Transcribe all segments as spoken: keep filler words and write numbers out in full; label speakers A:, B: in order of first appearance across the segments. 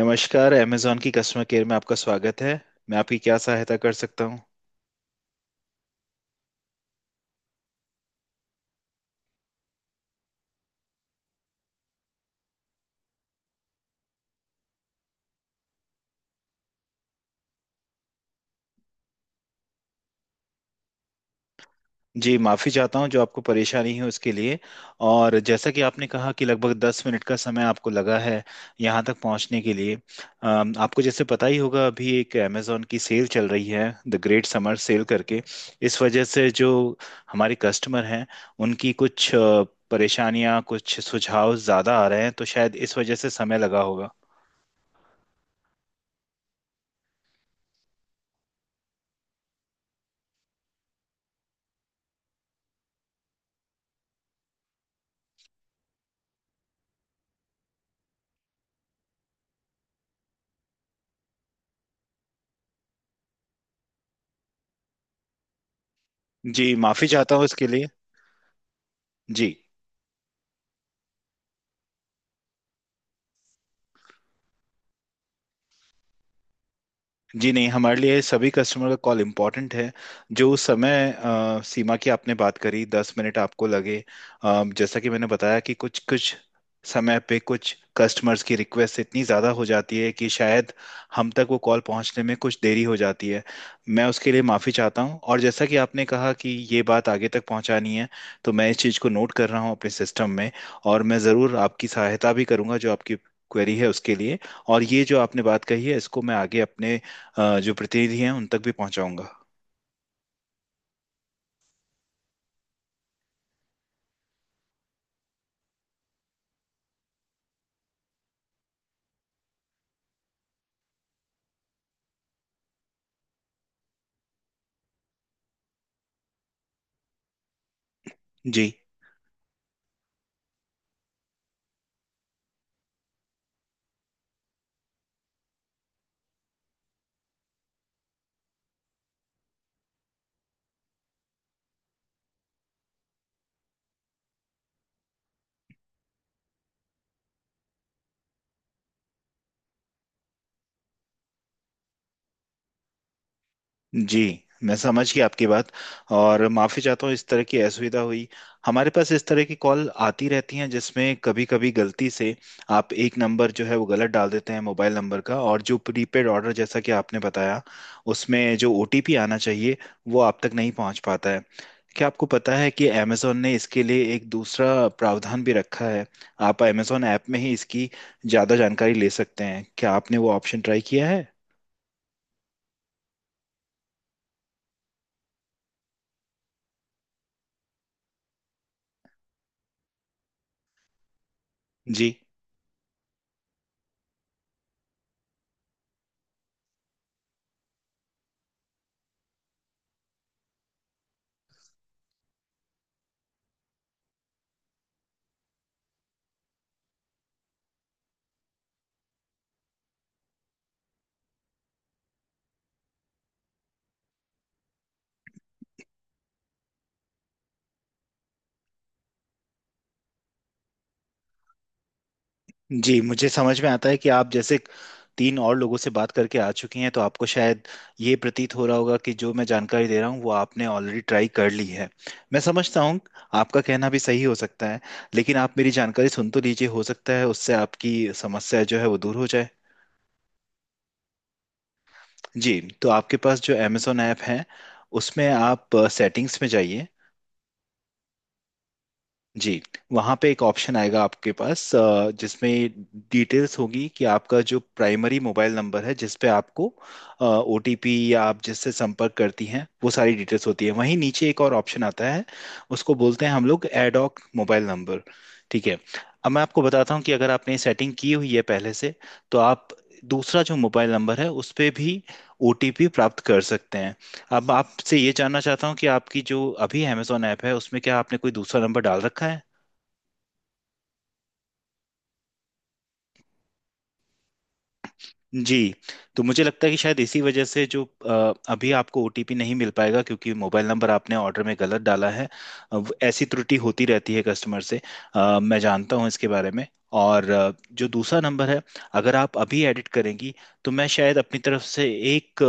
A: नमस्कार अमेजॉन की customer care में आपका स्वागत है। मैं आपकी क्या सहायता कर सकता हूँ। जी माफ़ी चाहता हूँ जो आपको परेशानी है उसके लिए। और जैसा कि आपने कहा कि लगभग दस मिनट का समय आपको लगा है यहाँ तक पहुँचने के लिए। अम, आपको जैसे पता ही होगा अभी एक अमेजॉन की सेल चल रही है, द ग्रेट समर सेल करके। इस वजह से जो हमारे कस्टमर हैं उनकी कुछ अ, परेशानियाँ, कुछ सुझाव ज़्यादा आ रहे हैं, तो शायद इस वजह से समय लगा होगा। जी माफ़ी चाहता हूँ इसके लिए। जी। जी नहीं, हमारे लिए सभी कस्टमर का कॉल इम्पॉर्टेंट है। जो उस समय अ, सीमा की आपने बात करी, दस मिनट आपको लगे, अ, जैसा कि मैंने बताया कि कुछ कुछ समय पे कुछ कस्टमर्स की रिक्वेस्ट इतनी ज़्यादा हो जाती है कि शायद हम तक वो कॉल पहुंचने में कुछ देरी हो जाती है। मैं उसके लिए माफ़ी चाहता हूं। और जैसा कि आपने कहा कि ये बात आगे तक पहुंचानी है, तो मैं इस चीज़ को नोट कर रहा हूं अपने सिस्टम में। और मैं ज़रूर आपकी सहायता भी करूंगा जो आपकी क्वेरी है उसके लिए। और ये जो आपने बात कही है इसको मैं आगे अपने अ, जो प्रतिनिधि हैं उन तक भी पहुंचाऊंगा। जी। जी, मैं समझ गया आपकी बात। और माफ़ी चाहता हूँ इस तरह की असुविधा हुई। हमारे पास इस तरह की कॉल आती रहती हैं जिसमें कभी कभी गलती से आप एक नंबर जो है वो गलत डाल देते हैं मोबाइल नंबर का। और जो प्रीपेड ऑर्डर, जैसा कि आपने बताया, उसमें जो ओटीपी आना चाहिए वो आप तक नहीं पहुंच पाता है। क्या आपको पता है कि अमेज़ॉन ने इसके लिए एक दूसरा प्रावधान भी रखा है। आप अमेज़ॉन ऐप में ही इसकी ज़्यादा जानकारी ले सकते हैं। क्या आपने वो ऑप्शन ट्राई किया है। जी। जी, मुझे समझ में आता है कि आप जैसे तीन और लोगों से बात करके आ चुकी हैं, तो आपको शायद ये प्रतीत हो रहा होगा कि जो मैं जानकारी दे रहा हूँ वो आपने ऑलरेडी ट्राई कर ली है। मैं समझता हूँ, आपका कहना भी सही हो सकता है। लेकिन आप मेरी जानकारी सुन तो लीजिए, हो सकता है उससे आपकी समस्या जो है वो दूर हो जाए। जी, तो आपके पास जो अमेजोन ऐप है उसमें आप सेटिंग्स में जाइए। जी। वहाँ पे एक ऑप्शन आएगा आपके पास, अ, जिसमें डिटेल्स होगी कि आपका जो प्राइमरी मोबाइल नंबर है जिस पे आपको ओटीपी या आप जिससे संपर्क करती हैं, वो सारी डिटेल्स होती है। वहीं नीचे एक और ऑप्शन आता है, उसको बोलते हैं हम लोग एडॉक मोबाइल नंबर। ठीक है। अब मैं आपको बताता हूँ कि अगर आपने सेटिंग की हुई है पहले से तो आप दूसरा जो मोबाइल नंबर है उस पे भी ओटीपी प्राप्त कर सकते हैं। अब आपसे ये जानना चाहता हूँ कि आपकी जो अभी अमेजोन ऐप है उसमें क्या आपने कोई दूसरा नंबर डाल रखा है। जी। तो मुझे लगता है कि शायद इसी वजह से जो अ, अभी आपको ओटीपी नहीं मिल पाएगा, क्योंकि मोबाइल नंबर आपने ऑर्डर में गलत डाला है। अब ऐसी त्रुटि होती रहती है कस्टमर से। अ, मैं जानता हूँ इसके बारे में। और अ, जो दूसरा नंबर है, अगर आप अभी एडिट करेंगी तो मैं शायद अपनी तरफ से एक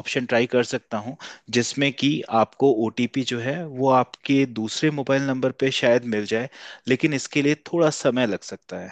A: ऑप्शन ट्राई कर सकता हूँ जिसमें कि आपको ओटीपी जो है वो आपके दूसरे मोबाइल नंबर पे शायद मिल जाए। लेकिन इसके लिए थोड़ा समय लग सकता है।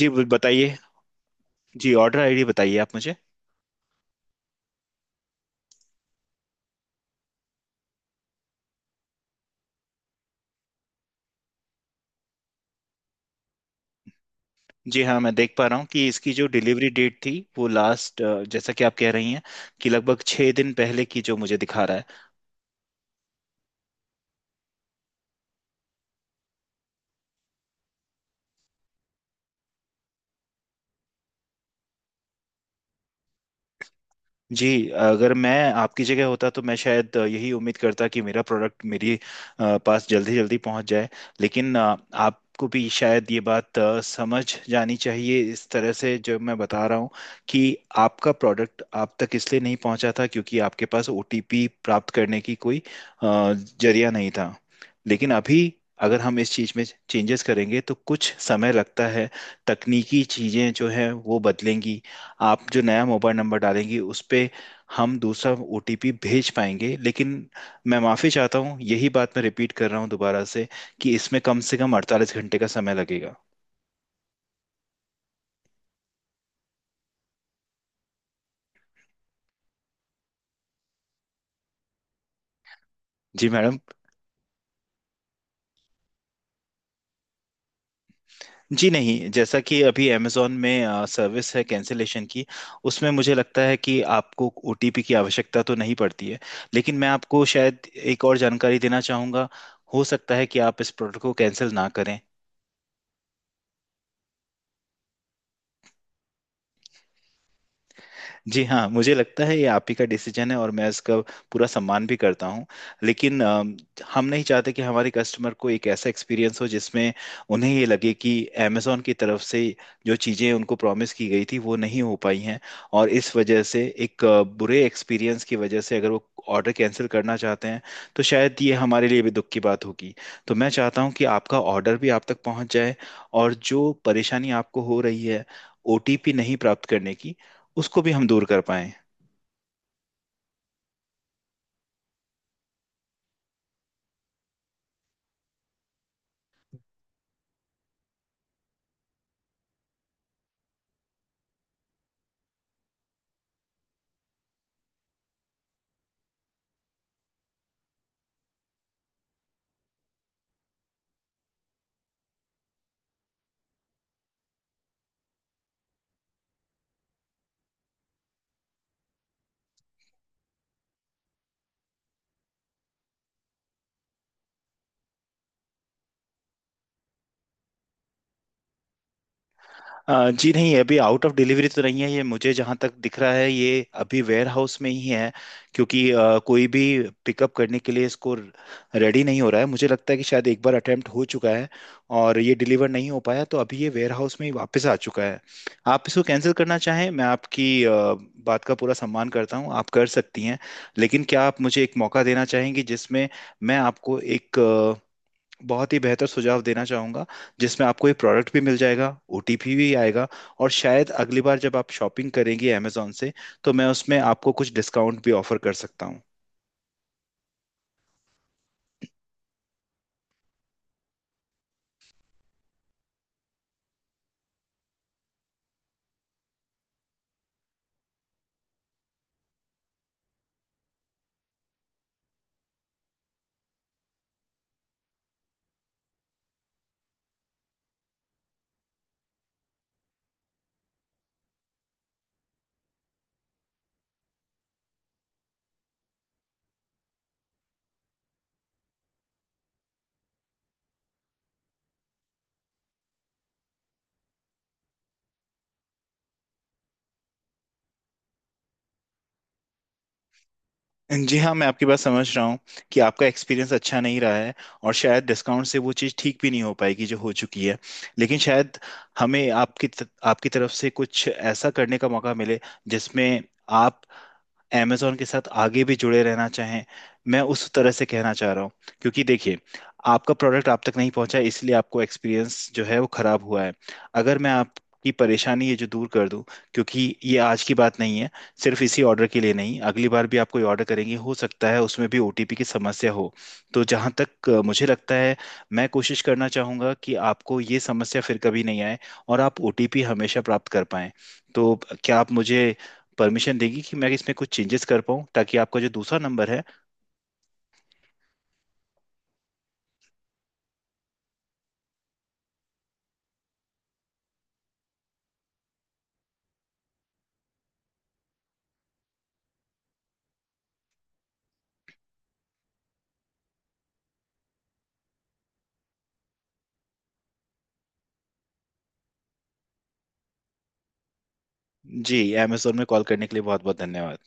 A: जी, ब- बताइए। जी, ऑर्डर आईडी बताइए आप मुझे। जी हाँ, मैं देख पा रहा हूँ कि इसकी जो डिलीवरी डेट थी वो लास्ट, जैसा कि आप कह रही हैं, कि लगभग छः दिन पहले की जो मुझे दिखा रहा है। जी, अगर मैं आपकी जगह होता तो मैं शायद अ, यही उम्मीद करता कि मेरा प्रोडक्ट मेरी अ, पास जल्दी जल्दी पहुंच जाए। लेकिन अ, आपको भी शायद ये बात अ, समझ जानी चाहिए, इस तरह से जो मैं बता रहा हूँ, कि आपका प्रोडक्ट आप तक इसलिए नहीं पहुंचा था क्योंकि आपके पास ओटीपी प्राप्त करने की कोई अ, जरिया नहीं था। लेकिन अभी अगर हम इस चीज़ में चेंजेस करेंगे तो कुछ समय लगता है। तकनीकी चीज़ें जो हैं वो बदलेंगी। आप जो नया मोबाइल नंबर डालेंगी उस पे हम दूसरा ओटीपी भेज पाएंगे। लेकिन मैं माफ़ी चाहता हूँ, यही बात मैं रिपीट कर रहा हूँ दोबारा से, कि इसमें कम से कम अड़तालीस घंटे का समय लगेगा। जी मैडम। जी नहीं, जैसा कि अभी अमेजोन में अ, सर्विस है कैंसिलेशन की, उसमें मुझे लगता है कि आपको ओटीपी की आवश्यकता तो नहीं पड़ती है। लेकिन मैं आपको शायद एक और जानकारी देना चाहूँगा। हो सकता है कि आप इस प्रोडक्ट को कैंसिल ना करें। जी हाँ, मुझे लगता है ये आप ही का डिसीजन है और मैं इसका पूरा सम्मान भी करता हूँ। लेकिन अम, हम नहीं चाहते कि हमारे कस्टमर को एक ऐसा एक्सपीरियंस हो जिसमें उन्हें ये लगे कि अमेजोन की तरफ से जो चीज़ें उनको प्रॉमिस की गई थी वो नहीं हो पाई हैं, और इस वजह से एक अ, बुरे एक्सपीरियंस की वजह से अगर वो ऑर्डर कैंसिल करना चाहते हैं, तो शायद ये हमारे लिए भी दुख की बात होगी। तो मैं चाहता हूँ कि आपका ऑर्डर भी आप तक पहुँच जाए और जो परेशानी आपको हो रही है ओटीपी नहीं प्राप्त करने की, उसको भी हम दूर कर पाए। अ, जी नहीं, अभी आउट ऑफ डिलीवरी तो नहीं है, ये मुझे जहाँ तक दिख रहा है ये अभी वेयर हाउस में ही है। क्योंकि अ, कोई भी पिकअप करने के लिए इसको रेडी नहीं हो रहा है। मुझे लगता है कि शायद एक बार अटेम्प्ट हो चुका है और ये डिलीवर नहीं हो पाया, तो अभी ये वेयर हाउस में ही वापस आ चुका है। आप इसको कैंसिल करना चाहें, मैं आपकी अ, बात का पूरा सम्मान करता हूँ, आप कर सकती हैं। लेकिन क्या आप मुझे एक मौका देना चाहेंगी जिसमें मैं आपको एक बहुत ही बेहतर सुझाव देना चाहूँगा, जिसमें आपको ये प्रोडक्ट भी मिल जाएगा, ओटीपी भी आएगा। और शायद अगली बार जब आप शॉपिंग करेंगी अमेजोन से तो मैं उसमें आपको कुछ डिस्काउंट भी ऑफर कर सकता हूँ। जी हाँ, मैं आपकी बात समझ रहा हूँ कि आपका एक्सपीरियंस अच्छा नहीं रहा है, और शायद डिस्काउंट से वो चीज़ ठीक भी नहीं हो पाएगी जो हो चुकी है। लेकिन शायद हमें आपकी आपकी तरफ से कुछ ऐसा करने का मौका मिले जिसमें आप amazon के साथ आगे भी जुड़े रहना चाहें। मैं उस तरह से कहना चाह रहा हूँ। क्योंकि देखिए, आपका प्रोडक्ट आप तक नहीं पहुंचा इसलिए आपको एक्सपीरियंस जो है वो खराब हुआ है। अगर मैं आपकी परेशानी ये जो दूर कर दूं, क्योंकि ये आज की बात नहीं है, सिर्फ इसी ऑर्डर के लिए नहीं, अगली बार भी आप कोई ऑर्डर करेंगे हो सकता है उसमें भी ओटीपी की समस्या हो। तो जहां तक अ, मुझे लगता है मैं कोशिश करना चाहूंगा कि आपको ये समस्या फिर कभी नहीं आए और आप ओटीपी हमेशा प्राप्त कर पाएं। तो क्या आप मुझे परमिशन देगी कि मैं इसमें कुछ चेंजेस कर पाऊँ ताकि आपका जो दूसरा नंबर है। जी, अमेजोन में कॉल करने के लिए बहुत बहुत धन्यवाद।